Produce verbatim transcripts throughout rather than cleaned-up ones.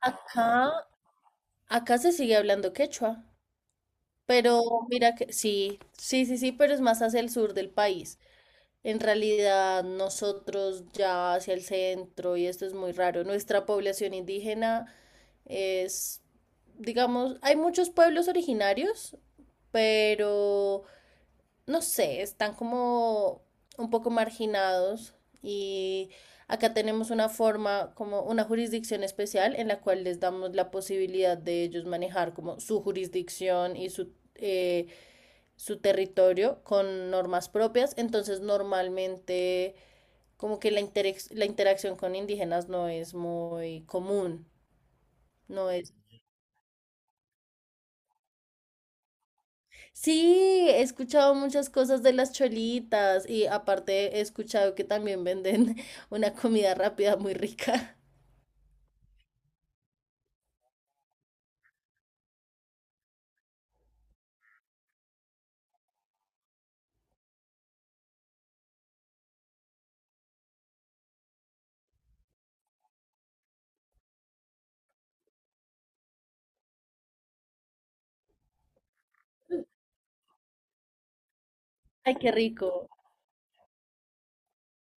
Acá, acá se sigue hablando quechua, pero mira que sí, sí, sí, sí, pero es más hacia el sur del país. En realidad, nosotros ya hacia el centro, y esto es muy raro, nuestra población indígena es, digamos, hay muchos pueblos originarios, pero no sé, están como un poco marginados y acá tenemos una forma, como una jurisdicción especial en la cual les damos la posibilidad de ellos manejar como su jurisdicción y su, eh, su territorio con normas propias. Entonces normalmente como que la, inter la interacción con indígenas no es muy común, no es. Sí, he escuchado muchas cosas de las cholitas y aparte he escuchado que también venden una comida rápida muy rica. Ay, qué rico.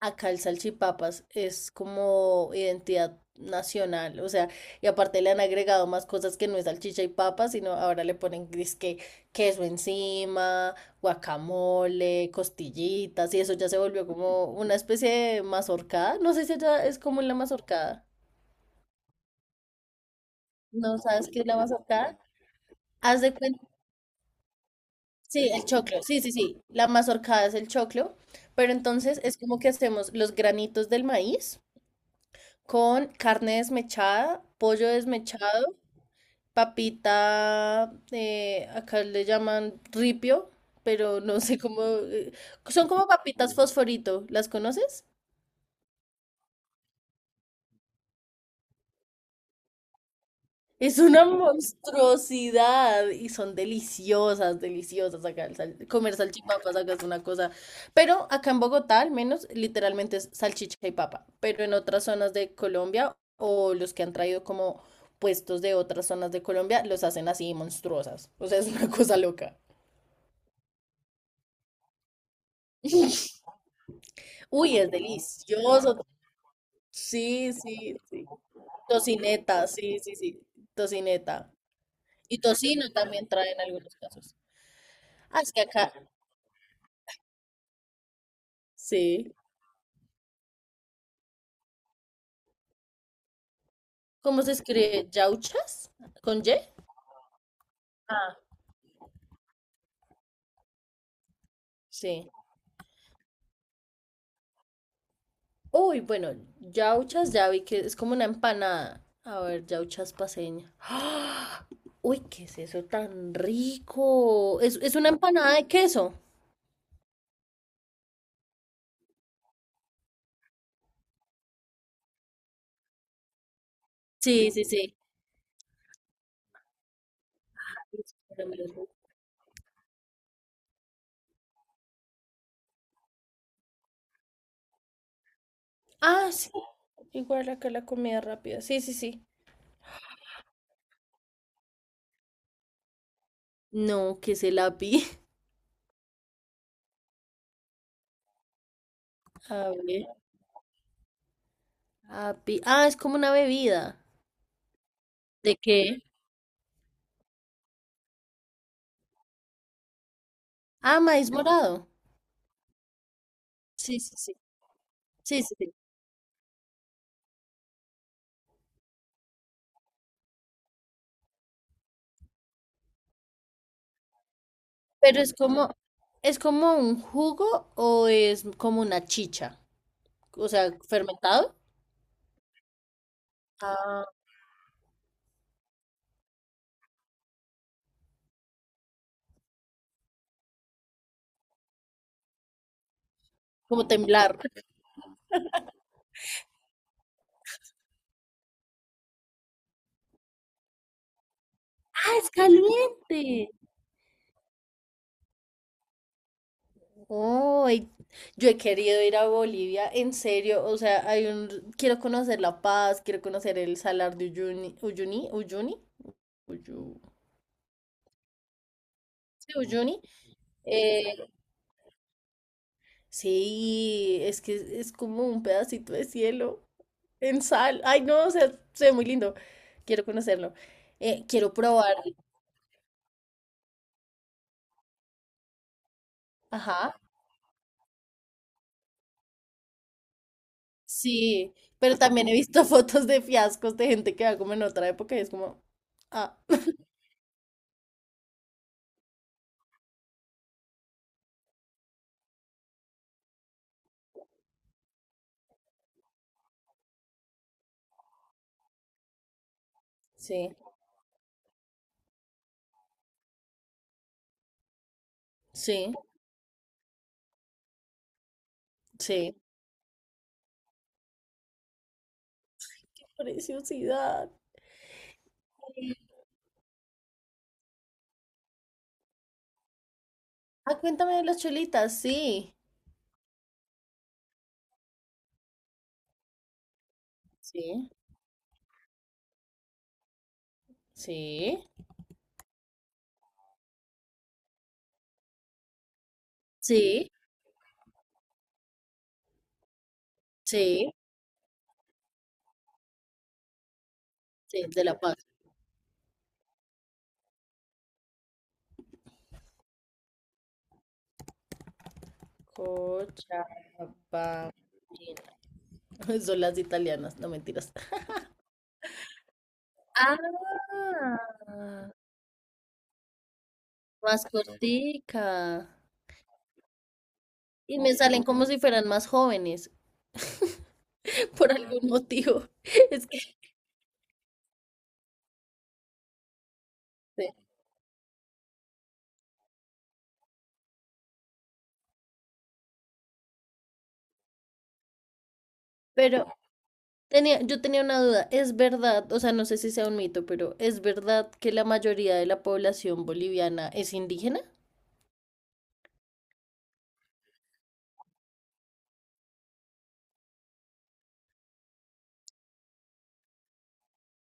Acá el salchipapas es como identidad nacional, o sea, y aparte le han agregado más cosas que no es salchicha y papas, sino ahora le ponen que queso encima, guacamole, costillitas, y eso ya se volvió como una especie de mazorcada. No sé si allá es como en la mazorcada. ¿No sabes qué es la mazorcada? Haz de cuenta, sí, el choclo, sí, sí, sí, la mazorcada es el choclo, pero entonces es como que hacemos los granitos del maíz con carne desmechada, pollo desmechado, papita, eh, acá le llaman ripio, pero no sé cómo, eh, son como papitas fosforito, ¿las conoces? Es una monstruosidad y son deliciosas, deliciosas acá. El sal- comer salchipapas acá es una cosa. Pero acá en Bogotá, al menos, literalmente es salchicha y papa. Pero en otras zonas de Colombia o los que han traído como puestos de otras zonas de Colombia, los hacen así monstruosas. O sea, es una cosa loca. Uy, es delicioso. Sí, sí, sí. Tocineta, sí, sí, sí. Tocineta. Y tocino también traen en algunos casos. Ah, es que acá, sí. ¿Cómo se escribe? ¿Yauchas? ¿Con Y? Ah, sí. Uy, bueno, yauchas ya vi que es como una empanada. A ver, yauchas paseña. ¡Ah! Uy, ¿qué es eso tan rico? ¿Es, es una empanada de queso? Sí, sí, sí. Ah, sí. Igual acá la comida rápida. Sí, sí, sí. No, ¿qué es el api? A ver, api. Ah, es como una bebida. ¿De qué? Ah, maíz morado. Sí, sí, sí. Sí, sí, sí. Pero es como, ¿es como un jugo o es como una chicha? O sea, fermentado. Ah, como temblar. Ah, es caliente. Oh, y- yo he querido ir a Bolivia, en serio. O sea, hay un, quiero conocer La Paz, quiero conocer el Salar de Uyuni, Uyuni, Uyuni, Uyu- sí, Uyuni. Eh, sí, es que es como un pedacito de cielo. En sal. Ay, no, o sea, se ve muy lindo. Quiero conocerlo. Eh, quiero probar. Ajá. Sí, pero también he visto fotos de fiascos de gente que va como en otra época y es como, ah, sí, sí, sí. Preciosidad. Ah, cuéntame de las chulitas. Sí, sí, sí, sí, sí, sí, de La Paz. Cochabamba. Son las italianas, no mentiras. Ah, más cortica. Y me salen como si fueran más jóvenes, por algún motivo. Es que, sí. Pero tenía, yo tenía una duda. Es verdad, o sea, no sé si sea un mito, pero ¿es verdad que la mayoría de la población boliviana es indígena?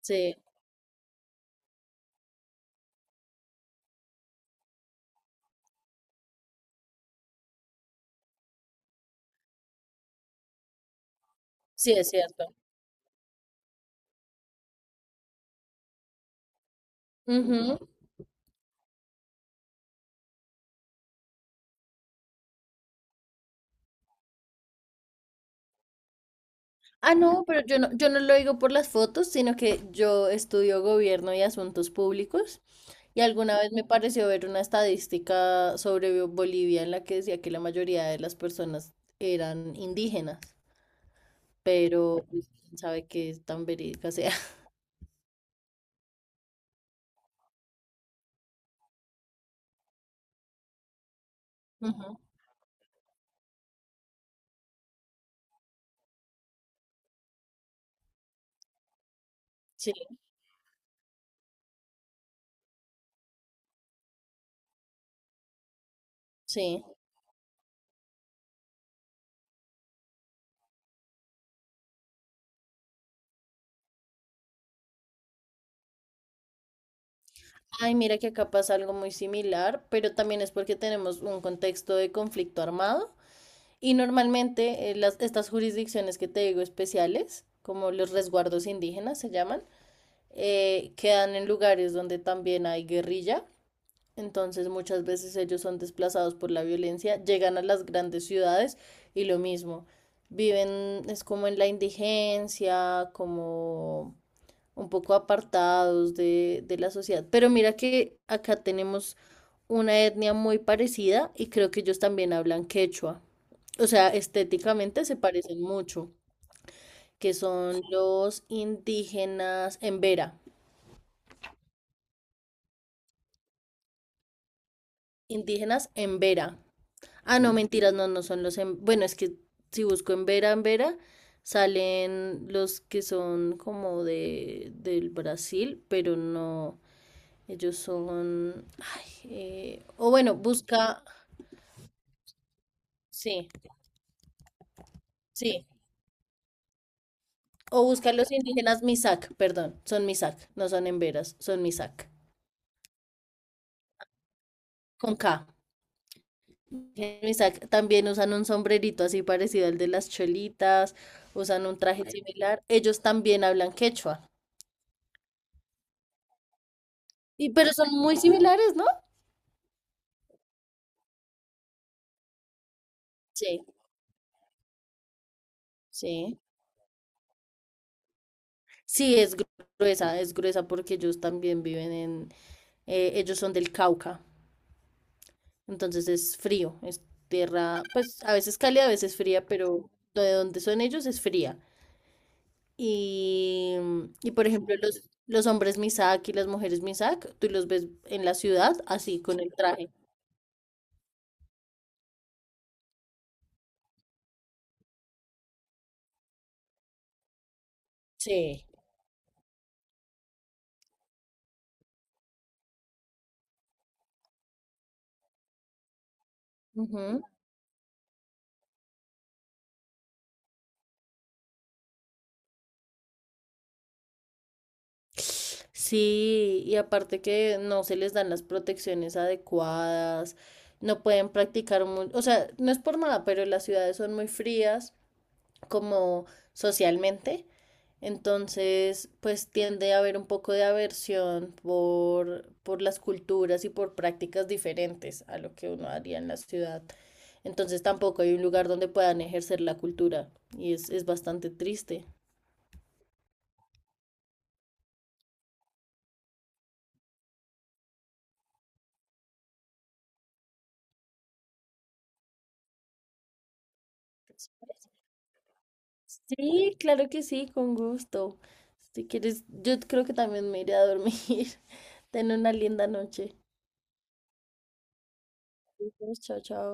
Sí, sí, es cierto. Ah, no, pero yo no, yo no lo digo por las fotos, sino que yo estudio gobierno y asuntos públicos. Y alguna vez me pareció ver una estadística sobre Bo- Bolivia en la que decía que la mayoría de las personas eran indígenas, pero pues, quién sabe qué tan verídica sea. Ujú, sí, sí. Ay, mira que acá pasa algo muy similar, pero también es porque tenemos un contexto de conflicto armado y normalmente eh, las, estas jurisdicciones que te digo especiales, como los resguardos indígenas se llaman, eh, quedan en lugares donde también hay guerrilla, entonces muchas veces ellos son desplazados por la violencia, llegan a las grandes ciudades y lo mismo, viven es como en la indigencia, como un poco apartados de, de la sociedad. Pero mira que acá tenemos una etnia muy parecida y creo que ellos también hablan quechua. O sea, estéticamente se parecen mucho, que son los indígenas en Indígenas en Vera. Ah, no, mentiras, no, no son los en... Bueno, es que si busco en Vera, en Vera, salen los que son como de, del Brasil, pero no, ellos son... ay, eh, o bueno, busca... Sí, sí. O busca los indígenas Misak, perdón, son Misak, no son en Veras, son Misak, con K. Misak también usan un sombrerito así parecido al de las cholitas, usan un traje similar. Ellos también hablan quechua. Y pero son muy similares, ¿no? Sí, sí. Sí, es gru- gruesa, es gruesa porque ellos también viven en, eh, ellos son del Cauca, entonces es frío, es tierra, pues a veces cálida, a veces fría, pero de donde son ellos es fría. Y, y por ejemplo, los, los hombres Misak y las mujeres Misak, tú los ves en la ciudad así, con el traje. Sí. Sí, y aparte que no se les dan las protecciones adecuadas, no pueden practicar mucho, o sea, no es por nada, pero las ciudades son muy frías como socialmente, entonces pues tiende a haber un poco de aversión por, por las culturas y por prácticas diferentes a lo que uno haría en la ciudad. Entonces tampoco hay un lugar donde puedan ejercer la cultura y es, es bastante triste. Sí, claro que sí, con gusto. Si quieres, yo creo que también me iré a dormir. Ten una linda noche. Chao, chao.